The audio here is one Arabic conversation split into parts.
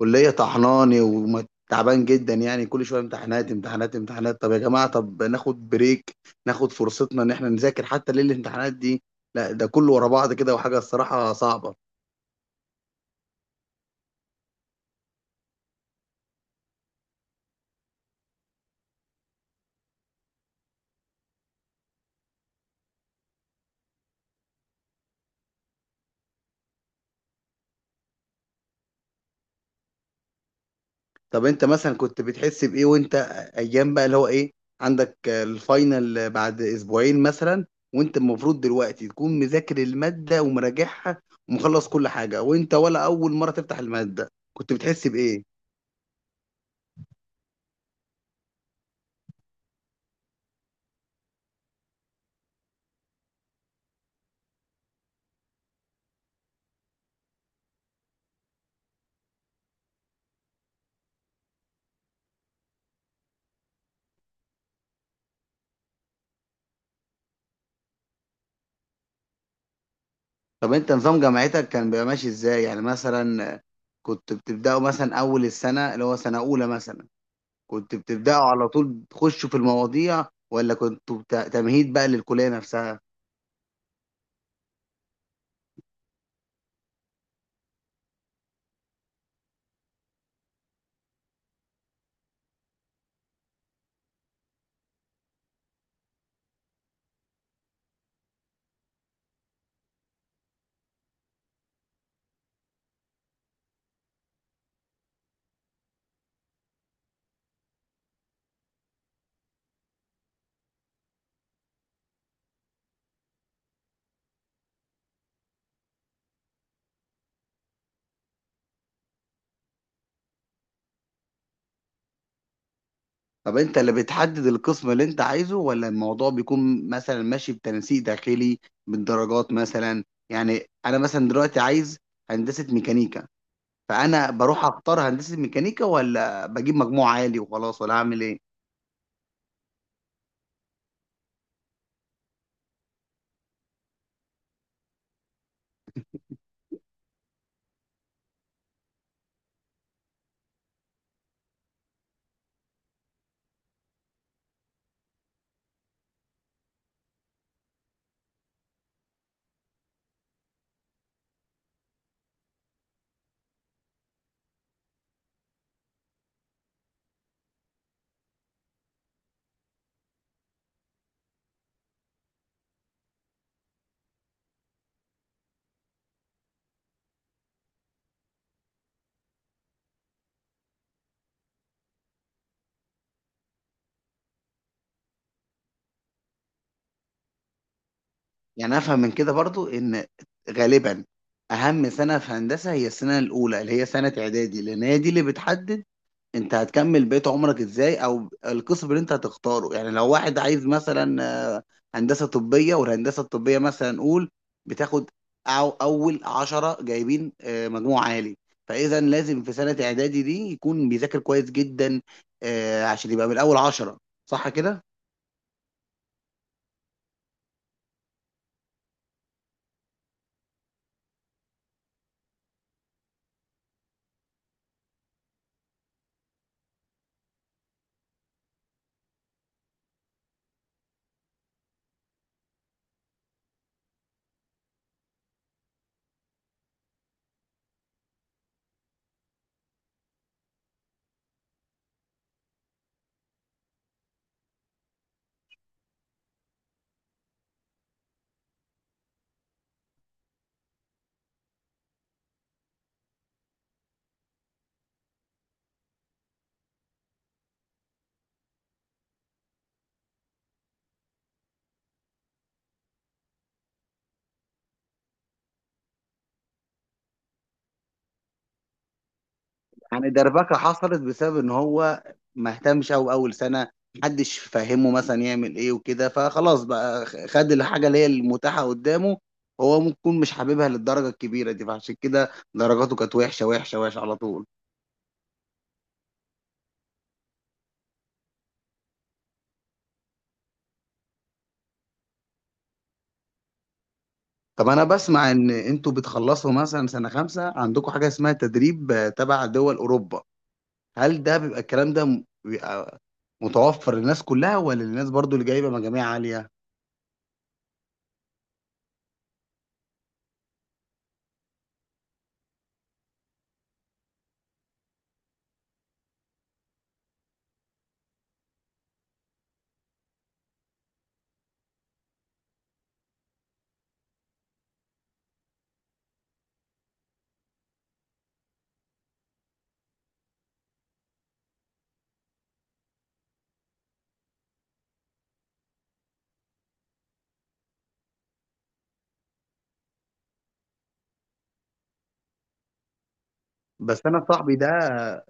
كلية طحناني وتعبان جدا، يعني كل شوية امتحانات امتحانات امتحانات. طب يا جماعة، طب ناخد بريك، ناخد فرصتنا ان احنا نذاكر حتى ليل الامتحانات دي. لا ده كله ورا بعض كده، وحاجة الصراحة صعبة. طب انت مثلا كنت بتحس بإيه وانت، ايام بقى اللي هو ايه، عندك الفاينل بعد اسبوعين مثلا، وانت المفروض دلوقتي تكون مذاكر المادة ومراجعها ومخلص كل حاجة، وانت ولا اول مرة تفتح المادة، كنت بتحس بإيه؟ طب انت نظام جامعتك كان بيبقى ماشي ازاي يعني مثلا؟ كنت بتبداوا مثلا اول السنه اللي هو سنه اولى مثلا، كنت بتبداوا على طول تخشوا في المواضيع، ولا كنتوا تمهيد بقى للكليه نفسها؟ طب انت اللي بتحدد القسم اللي انت عايزه، ولا الموضوع بيكون مثلا ماشي بتنسيق داخلي بالدرجات مثلا؟ يعني انا مثلا دلوقتي عايز هندسه ميكانيكا، فانا بروح اختار هندسه ميكانيكا، ولا بجيب مجموع عالي وخلاص، ولا اعمل ايه؟ يعني افهم من كده برضو ان غالبا اهم سنه في هندسه هي السنه الاولى اللي هي سنه اعدادي، لان هي دي اللي بتحدد انت هتكمل بقيت عمرك ازاي، او القسم اللي انت هتختاره. يعني لو واحد عايز مثلا آه، هندسه طبيه، والهندسه الطبيه مثلا نقول بتاخد أو اول 10 جايبين مجموع عالي. فاذا لازم في سنه اعدادي دي يكون بيذاكر كويس جدا عشان يبقى من اول 10، صح كده؟ يعني دربكة حصلت بسبب ان هو ما اهتمش، او اول سنة محدش فهمه مثلا يعمل ايه وكده، فخلاص بقى خد الحاجة اللي هي المتاحة قدامه. هو ممكن يكون مش حاببها للدرجة الكبيرة دي، فعشان كده درجاته كانت وحشة وحشة وحشة على طول. طب انا بسمع ان انتوا بتخلصوا مثلا سنة خمسة عندكم حاجة اسمها تدريب تبع دول اوروبا. هل ده بيبقى الكلام ده بيبقى متوفر للناس كلها، ولا للناس برضو اللي جايبة مجاميع عالية؟ بس انا صاحبي ده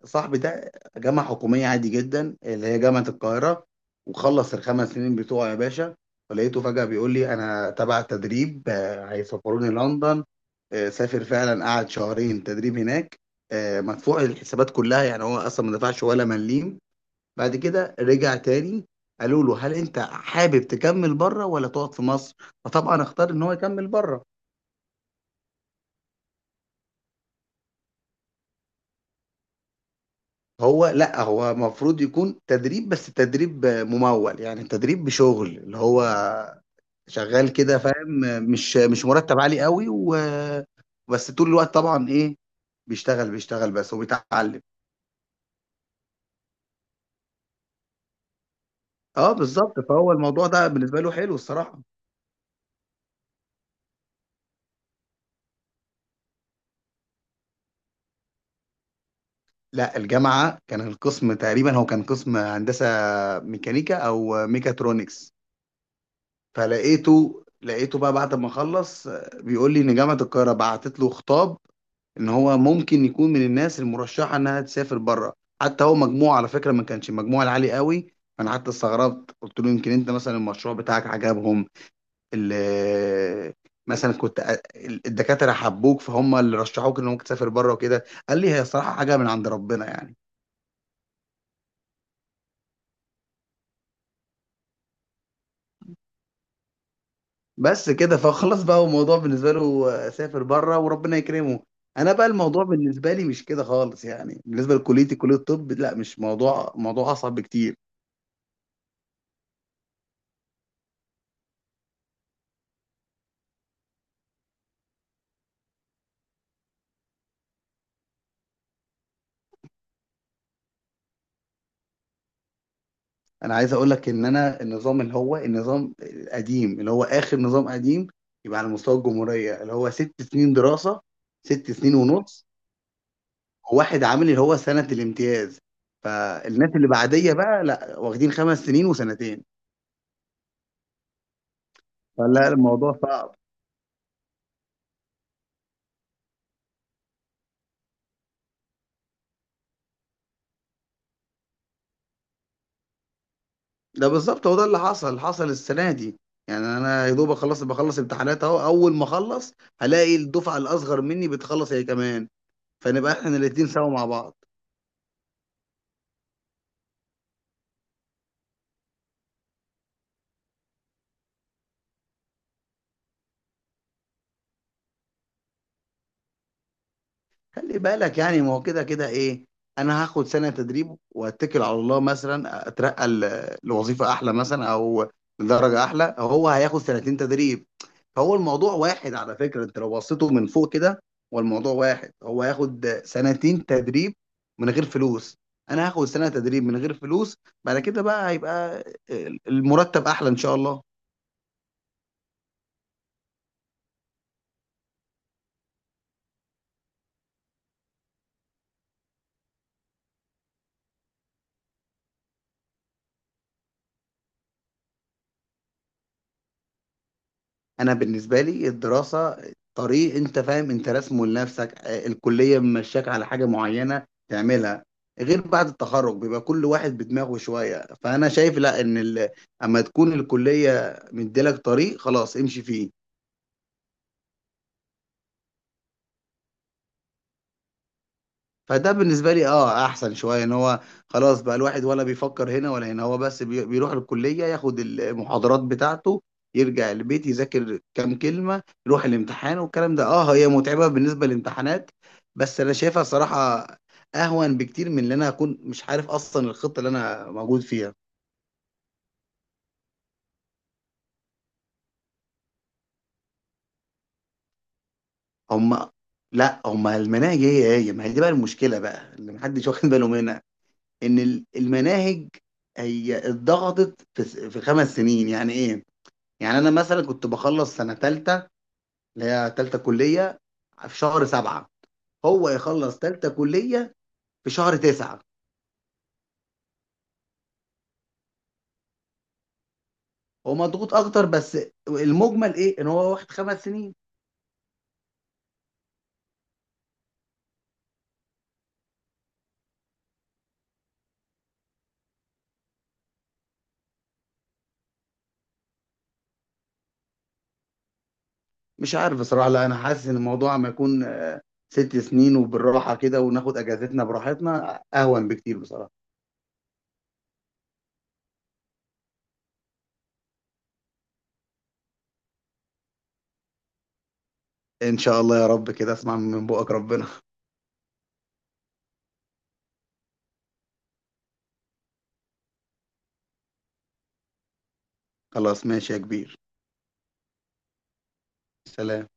صاحبي ده جامعه حكوميه عادي جدا اللي هي جامعه القاهره، وخلص ال 5 سنين بتوعه يا باشا. فلقيته فجاه بيقول لي انا تبع تدريب هيسافروني لندن. سافر فعلا، قعد شهرين تدريب هناك، مدفوع الحسابات كلها، يعني هو اصلا ما دفعش ولا مليم. بعد كده رجع تاني، قالوا له هل انت حابب تكمل بره ولا تقعد في مصر، فطبعا اختار ان هو يكمل بره. هو لا، هو المفروض يكون تدريب، بس تدريب ممول يعني تدريب بشغل اللي هو شغال كده، فاهم؟ مش مرتب عالي قوي، و بس طول الوقت طبعا ايه، بيشتغل بس وبيتعلم. اه بالظبط، فهو الموضوع ده بالنسبه له حلو الصراحه. لا الجامعه، كان القسم تقريبا، هو كان قسم هندسه ميكانيكا او ميكاترونكس. فلقيته بقى بعد ما خلص بيقول لي ان جامعه القاهره بعتت له خطاب ان هو ممكن يكون من الناس المرشحه انها تسافر بره. حتى هو مجموع على فكره ما كانش مجموع العالي قوي. انا حتى استغربت قلت له يمكن انت مثلا المشروع بتاعك عجبهم، ال- مثلا الدكاتره حبوك فهم اللي رشحوك ان ممكن تسافر بره وكده. قال لي هي صراحه حاجه من عند ربنا يعني. بس كده، فخلاص بقى هو الموضوع بالنسبه له سافر بره وربنا يكرمه. انا بقى الموضوع بالنسبه لي مش كده خالص يعني، بالنسبه لكليتي كليه الطب، لا، مش موضوع، موضوع اصعب بكتير. انا عايز اقول لك ان انا النظام اللي هو النظام القديم اللي هو اخر نظام قديم يبقى على مستوى الجمهوريه، اللي هو 6 سنين دراسه، 6 سنين ونص وواحد عامل اللي هو سنه الامتياز. فالناس اللي بعديه بقى لا، واخدين 5 سنين وسنتين، فلا الموضوع صعب. ده بالظبط هو ده اللي حصل، حصل السنه دي. يعني انا يا دوب اخلص، بخلص امتحانات اهو، اول ما اخلص هلاقي الدفعه الاصغر مني بتخلص هي كمان، فنبقى احنا الاثنين سوا مع بعض. خلي بالك يعني، ما هو كده كده ايه، انا هاخد سنه تدريب واتكل على الله مثلا اترقى لوظيفه احلى مثلا، او لدرجه احلى، هو هياخد سنتين تدريب. فهو الموضوع واحد، على فكره انت لو بصيته من فوق كده، هو الموضوع واحد، هو هياخد سنتين تدريب من غير فلوس، انا هاخد سنه تدريب من غير فلوس، بعد كده بقى هيبقى المرتب احلى ان شاء الله. انا بالنسبه لي الدراسه طريق انت فاهم انت راسمه لنفسك، الكليه ممشاك على حاجه معينه تعملها، غير بعد التخرج بيبقى كل واحد بدماغه شويه. فانا شايف لا ان اما تكون الكليه مديلك طريق خلاص امشي فيه. فده بالنسبه لي اه احسن شويه ان هو خلاص بقى الواحد ولا بيفكر هنا ولا هنا، هو بس بيروح الكليه ياخد المحاضرات بتاعته، يرجع البيت يذاكر كام كلمه، يروح الامتحان، والكلام ده اه هي متعبه بالنسبه للامتحانات، بس انا شايفها صراحه اهون بكتير من اللي انا هكون مش عارف اصلا الخطه اللي انا موجود فيها. هم لا، هم المناهج هي هي، ما هي دي بقى المشكله بقى اللي محدش واخد باله منها، ان المناهج هي اتضغطت في 5 سنين يعني ايه؟ يعني انا مثلا كنت بخلص سنه ثالثه اللي هي ثالثه كليه في شهر 7، هو يخلص ثالثه كليه في شهر 9. هو مضغوط اكتر، بس المجمل ايه ان هو واخد 5 سنين. مش عارف بصراحه، لا انا حاسس ان الموضوع ما يكون 6 سنين وبالراحه كده وناخد اجازتنا براحتنا اهون بكتير بصراحه. ان شاء الله يا رب، كده اسمع من بقك ربنا. خلاص ماشي يا كبير، سلام.